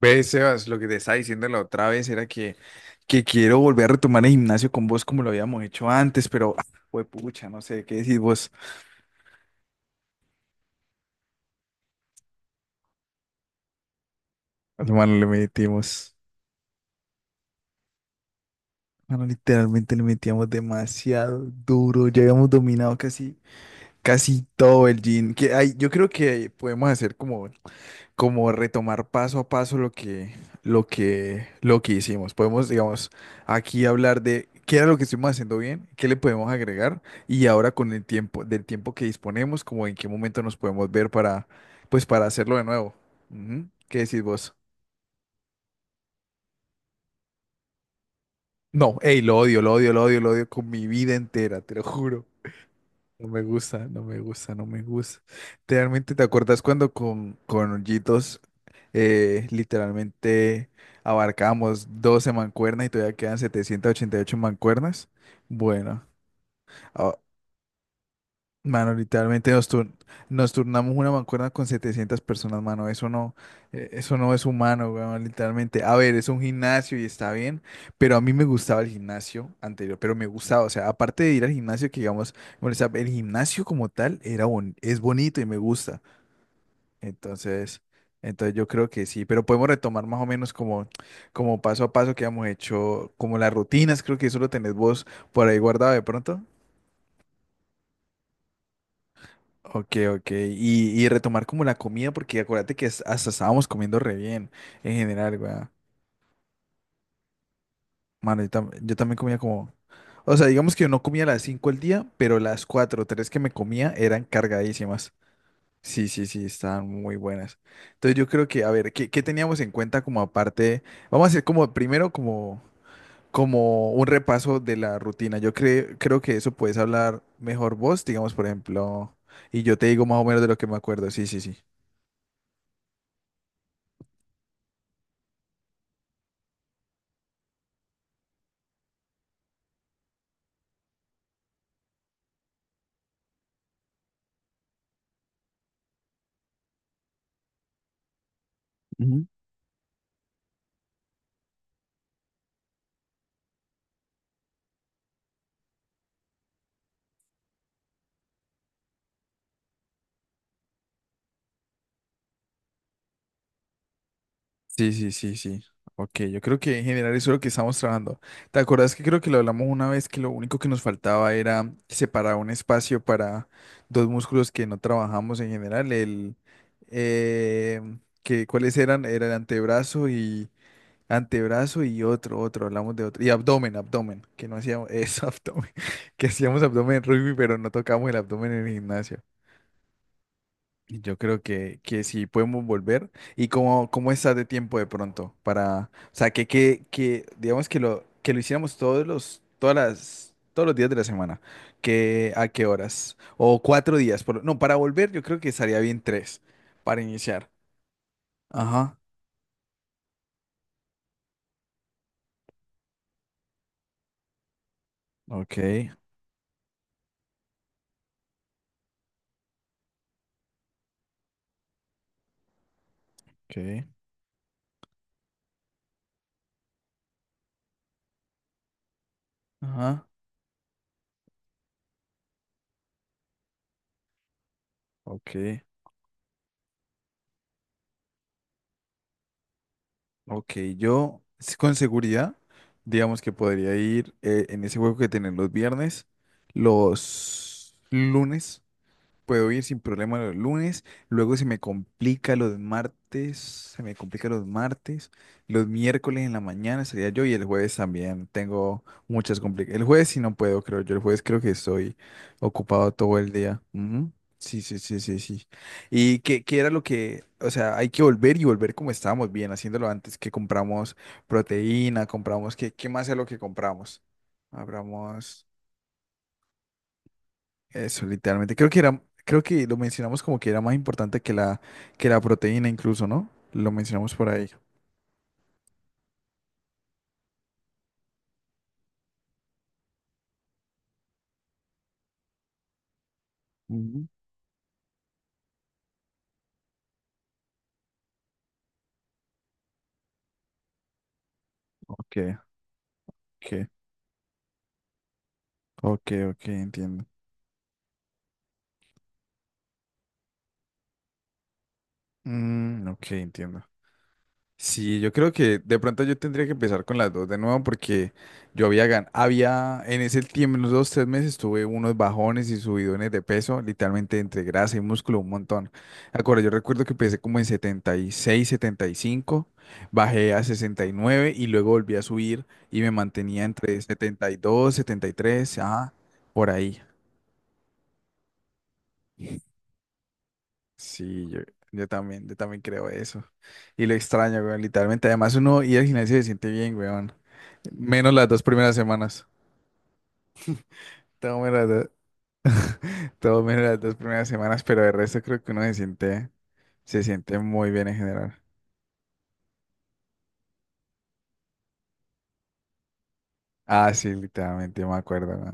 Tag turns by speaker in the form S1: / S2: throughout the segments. S1: Ves, Sebas, lo que te estaba diciendo la otra vez era que quiero volver a retomar el gimnasio con vos como lo habíamos hecho antes, pero, pucha, no sé, ¿qué decís vos? Hermano, le metimos, hermano, literalmente le metíamos demasiado duro, ya habíamos dominado casi todo el gym, que hay, yo creo que podemos hacer como retomar paso a paso lo que hicimos. Podemos, digamos, aquí hablar de qué era lo que estuvimos haciendo bien, qué le podemos agregar y ahora con el tiempo, del tiempo que disponemos, como en qué momento nos podemos ver para hacerlo de nuevo. Ujú. ¿Qué decís vos? No, hey, lo odio, lo odio, lo odio, lo odio con mi vida entera, te lo juro. No me gusta, no me gusta, no me gusta. Realmente, ¿te acuerdas cuando con Hoyitos, literalmente abarcamos 12 mancuernas y todavía quedan 788 mancuernas? Bueno, a- mano, literalmente nos turnamos una mancuerna con 700 personas, mano. Eso no es humano, weón, literalmente. A ver, es un gimnasio y está bien, pero a mí me gustaba el gimnasio anterior, pero me gustaba, o sea, aparte de ir al gimnasio, que digamos, bueno, o sea, el gimnasio como tal es bonito y me gusta. Entonces, entonces, yo creo que sí, pero podemos retomar más o menos como paso a paso que hemos hecho, como las rutinas, creo que eso lo tenés vos por ahí guardado de pronto. Ok, ok. Y retomar como la comida, porque acuérdate hasta estábamos comiendo re bien en general, weón. Mano, yo también comía como... O sea, digamos que yo no comía a las 5 al día, pero las 4, o 3 que me comía eran cargadísimas. Sí, sí, sí, estaban muy buenas. Entonces yo creo que, a ver, ¿qué teníamos en cuenta como aparte? Vamos a hacer como primero como un repaso de la rutina. Creo que eso puedes hablar mejor vos, digamos, por ejemplo, y yo te digo más o menos de lo que me acuerdo. Sí, sí, sí. Sí, sí, sí, sí. Ok, yo creo que en general eso es lo que estamos trabajando. ¿Te acuerdas que creo que lo hablamos una vez que lo único que nos faltaba era separar un espacio para dos músculos que no trabajamos en general? Eh, ¿Cuáles eran? Era el antebrazo y antebrazo y hablamos de otro. Y abdomen, abdomen, que no hacíamos, eso, abdomen, que hacíamos abdomen en rugby, pero no tocamos el abdomen en el gimnasio. Yo creo que sí podemos volver. ¿Y cómo estás de tiempo de pronto? Para, o sea, que digamos que lo hiciéramos todos los días de la semana. ¿Que a qué horas? O cuatro días. No, para volver yo creo que estaría bien 3 para iniciar. Ajá. Ok, ok. Ajá. Ok, ok. Con seguridad, digamos que podría ir, en ese juego que tienen los viernes, los lunes. Puedo ir sin problema los lunes, luego se me complica los martes, se me complica los martes, los miércoles en la mañana sería yo, y el jueves también tengo muchas complicaciones. El jueves sí no puedo, creo yo, el jueves creo que estoy ocupado todo el día. Ujú. Sí, sí, sí, sí, sí. ¿Y qué era lo que, o sea, hay que volver y volver como estábamos bien, haciéndolo antes que compramos proteína, compramos, ¿qué más es lo que compramos? Compramos. Eso, literalmente. Creo que lo mencionamos como que era más importante que la proteína incluso, ¿no? Lo mencionamos por ahí. Ujú. Ok, ok, ok, ok, entiendo. Mm, ok, entiendo. Sí, yo creo que de pronto yo tendría que empezar con las dos de nuevo porque yo había en ese tiempo, en los 2, 3 meses, tuve unos bajones y subidones de peso, literalmente entre grasa y músculo, un montón. Me acuerdo, yo recuerdo que empecé como en 76, 75, bajé a 69 y luego volví a subir y me mantenía entre 72, 73, por ahí. Sí, yo también creo eso. Y lo extraño, weón, literalmente. Además uno ir al gimnasio se siente bien, weón. Menos las dos primeras semanas. Todo menos las dos, todo menos las dos primeras semanas, pero de resto creo que uno se siente muy bien en general. Ah, sí, literalmente, yo me acuerdo, no,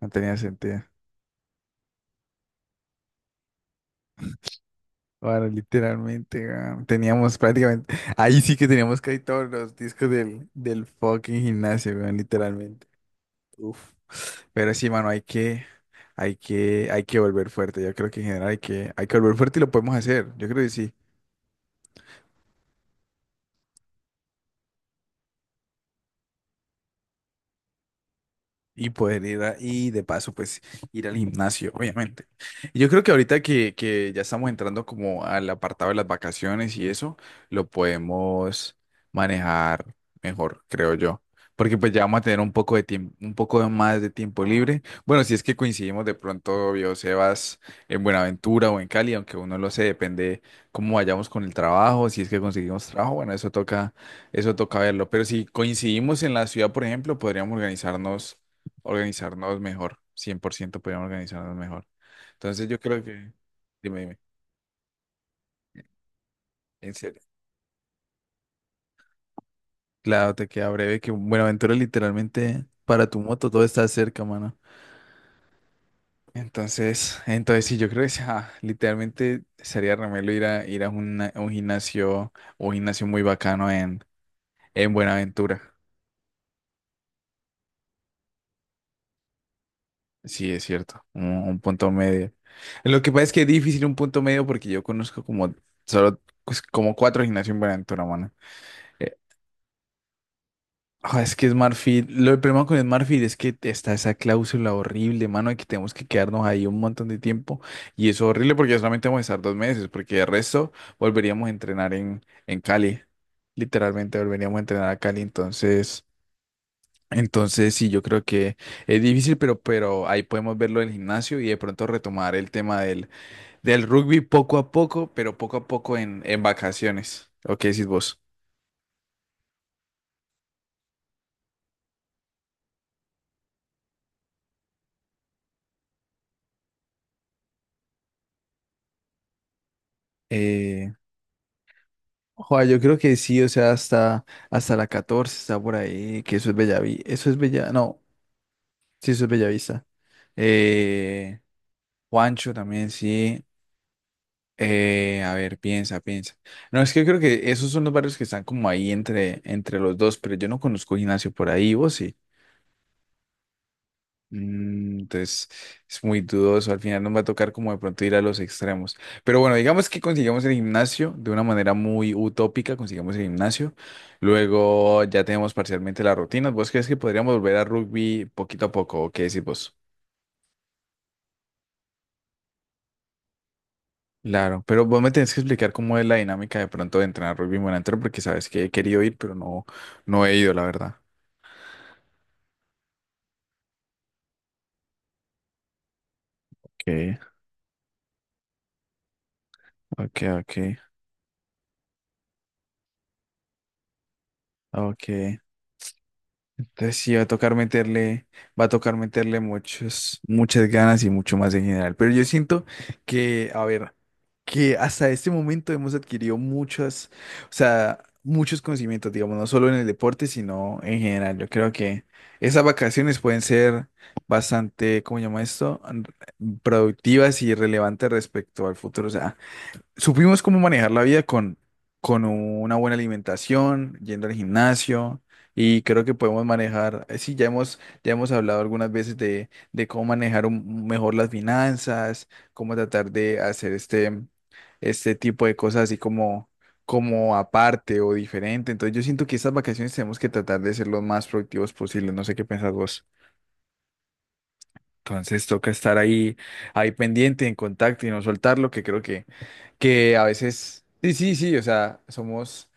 S1: no tenía sentido. Bueno, literalmente, weón, teníamos prácticamente, ahí sí que teníamos casi todos los discos del fucking gimnasio, weón, literalmente. Uf. Pero sí, mano, hay que volver fuerte. Yo creo que en general hay que volver fuerte y lo podemos hacer. Yo creo que sí. Y poder y de paso, pues ir al gimnasio, obviamente. Y yo creo que ahorita que ya estamos entrando como al apartado de las vacaciones y eso, lo podemos manejar mejor, creo yo. Porque pues ya vamos a tener un poco de tiempo, un poco más de tiempo libre. Bueno, si es que coincidimos de pronto, yo, Sebas, en Buenaventura o en Cali, aunque uno lo sé, depende cómo vayamos con el trabajo, si es que conseguimos trabajo, bueno, eso toca verlo. Pero si coincidimos en la ciudad, por ejemplo, podríamos organizarnos mejor, 100% podríamos organizarnos mejor. Entonces yo creo que, dime, dime, en serio. Claro, te queda breve que Buenaventura literalmente para tu moto todo está cerca, mano. Entonces, sí, yo creo que sea, literalmente sería remelo a un gimnasio muy bacano en Buenaventura. Sí, es cierto, un punto medio. Lo que pasa es que es difícil un punto medio porque yo conozco como solo pues, como cuatro gimnasios en Buenaventura, mano. Eh, es que Smart Fit, lo problema con Smart Fit es que está esa cláusula horrible, mano, de que tenemos que quedarnos ahí un montón de tiempo. Y eso es horrible porque solamente vamos a estar 2 meses, porque el resto volveríamos a entrenar en Cali. Literalmente volveríamos a entrenar a Cali. Entonces, sí, yo creo que es difícil, pero ahí podemos verlo del gimnasio y de pronto retomar el tema del rugby poco a poco, pero poco a poco en vacaciones. ¿O qué decís vos? Joa, yo creo que sí, o sea, hasta la 14 está por ahí, que eso es Bellaví, eso es Bella, no, sí, eso es Bellavista. Eh, Juancho también, sí. A ver, piensa, piensa. No, es que creo que esos son los barrios que están como ahí entre, entre los dos, pero yo no conozco gimnasio por ahí, vos sí. Mm, entonces es muy dudoso, al final nos va a tocar como de pronto ir a los extremos. Pero bueno, digamos que consigamos el gimnasio de una manera muy utópica, consigamos el gimnasio, luego ya tenemos parcialmente las rutinas. ¿Vos crees que podríamos volver a rugby poquito a poco o qué decís vos? Claro, pero vos me tenés que explicar cómo es la dinámica de pronto de entrenar rugby monitor porque sabes que he querido ir, pero no, no he ido, la verdad. Okay, okay, okay, ok. Entonces sí va a tocar meterle muchos, muchas ganas y mucho más en general. Pero yo siento que, a ver, que hasta este momento hemos adquirido muchos conocimientos, digamos, no solo en el deporte, sino en general. Yo creo que esas vacaciones pueden ser bastante, ¿cómo llama esto? Productivas y relevantes respecto al futuro. O sea, supimos cómo manejar la vida con una buena alimentación, yendo al gimnasio, y creo que podemos manejar, sí, ya hemos hablado algunas veces de cómo mejor las finanzas, cómo tratar de hacer este tipo de cosas como aparte o diferente. Entonces yo siento que estas vacaciones tenemos que tratar de ser lo más productivos posible, no sé qué pensás vos. Entonces toca ahí pendiente, en contacto y no soltarlo, que creo que a veces, sí, sí, sí, o sea, somos,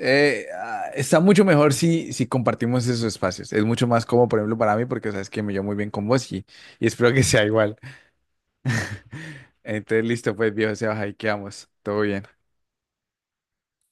S1: está mucho mejor si compartimos esos espacios. Es mucho más cómodo, por ejemplo, para mí, porque sabes que me llevo muy bien con vos y espero que sea igual. Entonces, listo, pues, viejo, se baja y quedamos. Todo bien.